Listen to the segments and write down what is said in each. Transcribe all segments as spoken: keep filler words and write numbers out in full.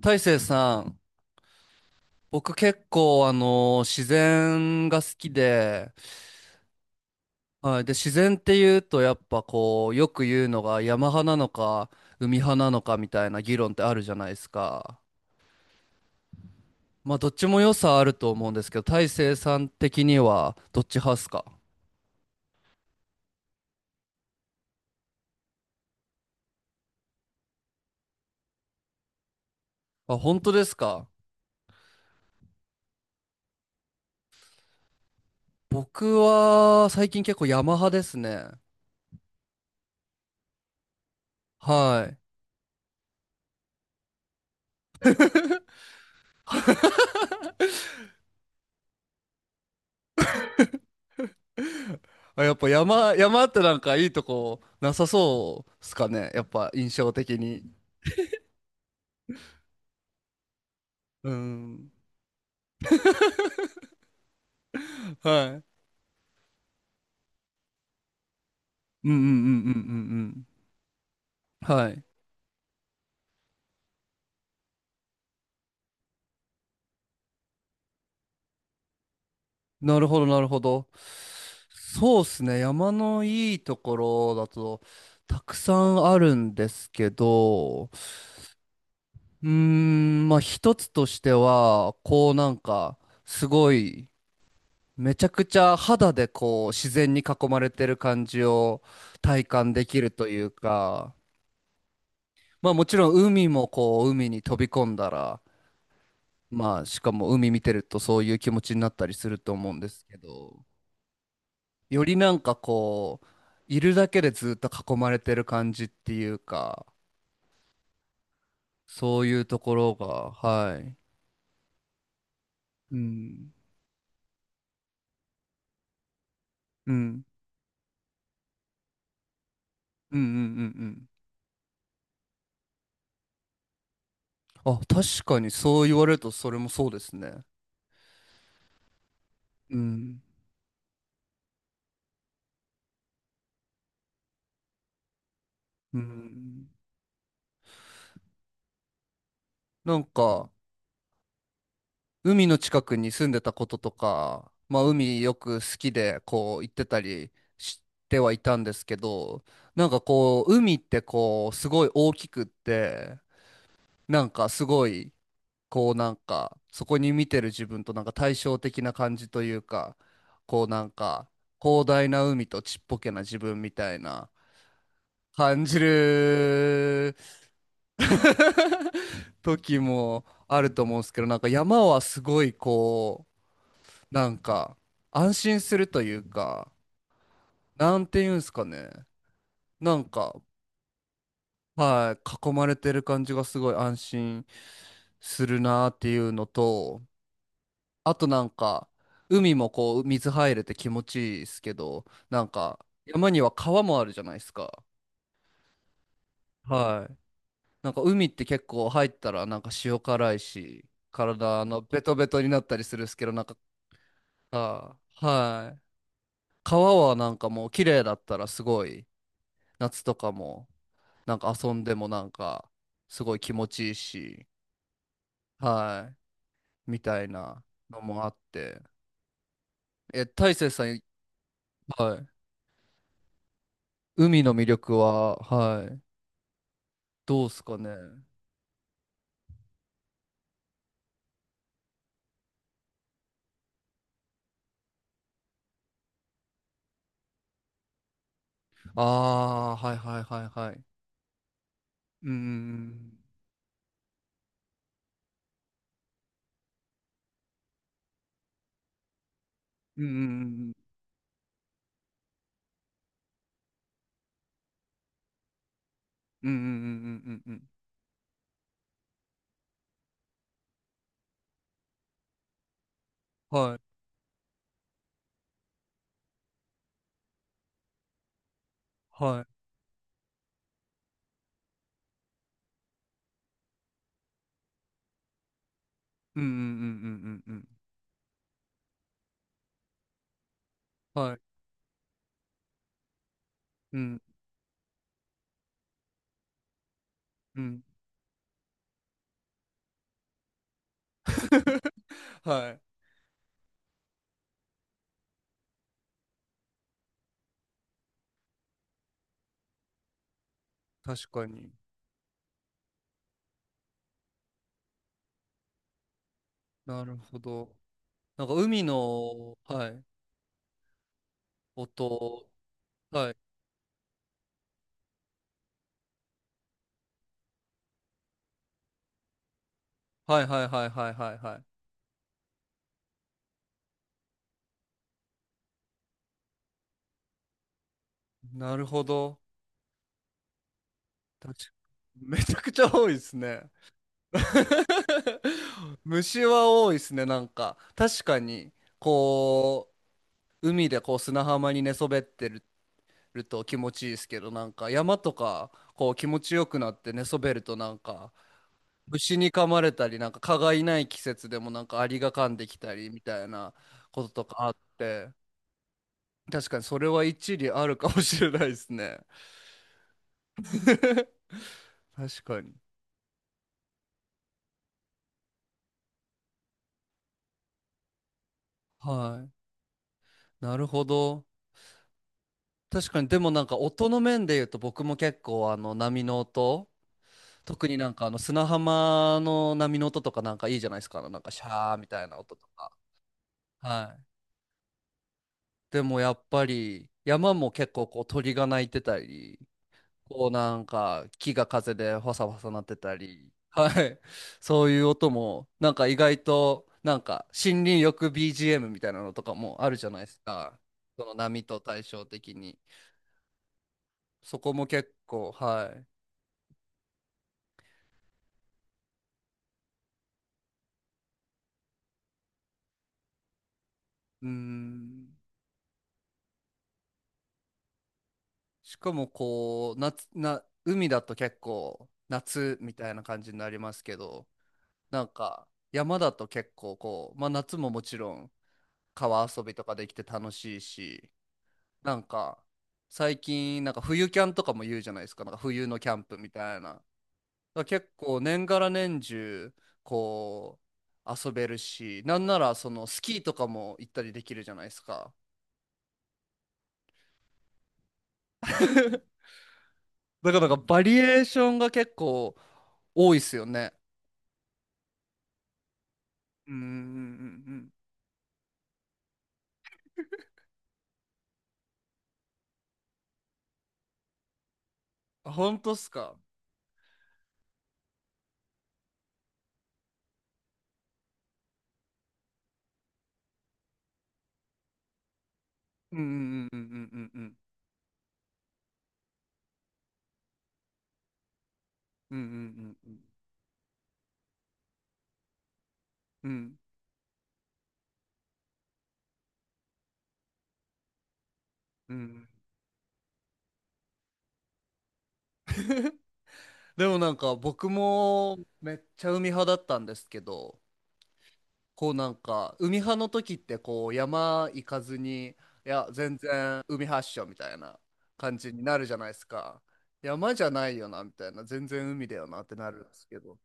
大成さん、僕結構あの自然が好きで、はい、で自然っていうとやっぱこうよく言うのが山派なのか海派なのかみたいな議論ってあるじゃないですか。まあどっちも良さあると思うんですけど、大成さん的にはどっち派っすか？あ、本当ですか？僕は最近結構山派ですね。はい。あ、やっぱ山、山ってなんかいいとこなさそうっすかね。やっぱ印象的に。うん。はい。うんうんうんうんうんうん。はい。なるほど、なるほど。そうですね。山のいいところだと、たくさんあるんですけど、うーん、まあ一つとしては、こうなんか、すごい、めちゃくちゃ肌でこう、自然に囲まれてる感じを体感できるというか、まあもちろん海もこう、海に飛び込んだら、まあしかも海見てるとそういう気持ちになったりすると思うんですけど、よりなんかこう、いるだけでずっと囲まれてる感じっていうか、そういうところが、はい。うん。うん。うんうんうんうん。あ、確かにそう言われるとそれもそうですね。うん。うん。なんか、海の近くに住んでたこととか、まあ海よく好きでこう行ってたりしてはいたんですけど、なんかこう、海ってこう、すごい大きくって、なんかすごい、こうなんか、そこに見てる自分となんか対照的な感じというか、こうなんか、広大な海とちっぽけな自分みたいな感じる 時もあると思うんですけど、なんか山はすごいこう、なんか安心するというか、なんていうんですかね。なんか、はい、囲まれてる感じがすごい安心するなっていうのと、あとなんか、海もこう、水入れて気持ちいいですけど、なんか、山には川もあるじゃないですか。はい。なんか海って結構入ったらなんか塩辛いし、体あのベトベトになったりするんですけど、なんか、あーはい。川はなんかもう綺麗だったらすごい、夏とかも、なんか遊んでもなんか、すごい気持ちいいし、はい。みたいなのもあって。え、大成さん、はい。海の魅力は、はい。どうすかね。ああ、はいはいはいはい。うんうんうんうんうんうんうんうんうんうんうんうん。はいはい。うんうんうんうんうんうん。はい。うんうん。 はい。確かに。なるほど。なんか海の、はい、音。はいはいはいはいはいはい。はい。なるほど。確か、めちゃくちゃ多いですね。 虫は多いですね、なんか確かに。こう海でこう砂浜に寝そべってる、ると気持ちいいですけど、なんか山とかこう気持ちよくなって寝そべるとなんか虫に噛まれたり、なんか蚊がいない季節でもなんかアリが噛んできたりみたいなこととかあって、確かにそれは一理あるかもしれないですね。確かに。はい。なるほど。確かに、でもなんか音の面で言うと僕も結構あの波の音、特になんかあの砂浜の波の音とかなんかいいじゃないですか。あのなんかシャーみたいな音とか。はい。でもやっぱり山も結構こう鳥が鳴いてたり、こうなんか木が風でファサファサ鳴ってたり、はい。そういう音もなんか意外となんか森林浴 ビージーエム みたいなのとかもあるじゃないですか。その波と対照的に。そこも結構、はい。うーん。しかもこう、夏、な、海だと結構夏みたいな感じになりますけど、なんか山だと結構こう夏ももちろん川遊びとかできて楽しいし、なんか最近なんか冬キャンとかも言うじゃないですか、なんか冬のキャンプみたいな。結構年がら年中こう遊べるし、なんならそのスキーとかも行ったりできるじゃないですか。だからバリエーションが結構多いっすよね。うんうんうんうん。ほんとっすか？うんうんうんうんうんうんうんうんうんうんうんうんうんうんうん。でもなんか僕もめっちゃ海派だったんですけど、こうなんか海派の時ってこう山行かずに、いや全然海発祥みたいな感じになるじゃないですか。山じゃないよなみたいな、全然海だよなってなるんですけど、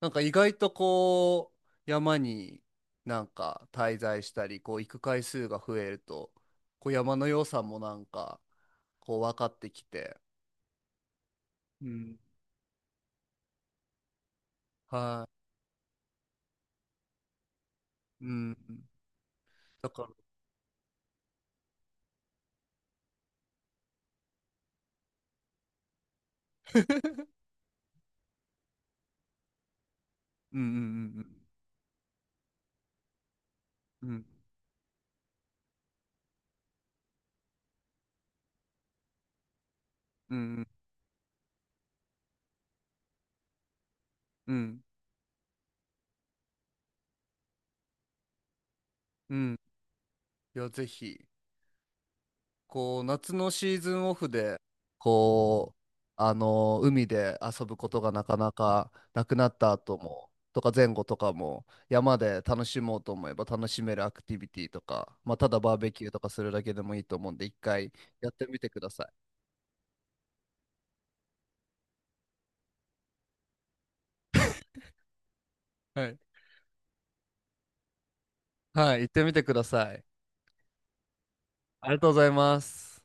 なんか意外とこう山になんか滞在したり、こう行く回数が増えると、こう山の良さもなんかこう分かってきて、うん。はい、うん、だから、うんうんうんうんうんうんうんうん、いやぜひこう夏のシーズンオフでこうあの海で遊ぶことがなかなかなくなった後もとか前後とかも山で楽しもうと思えば楽しめるアクティビティとか、まあ、ただバーベキューとかするだけでもいいと思うんで一回やってみてください。はい、はい、行ってみてください。ありがとうございます。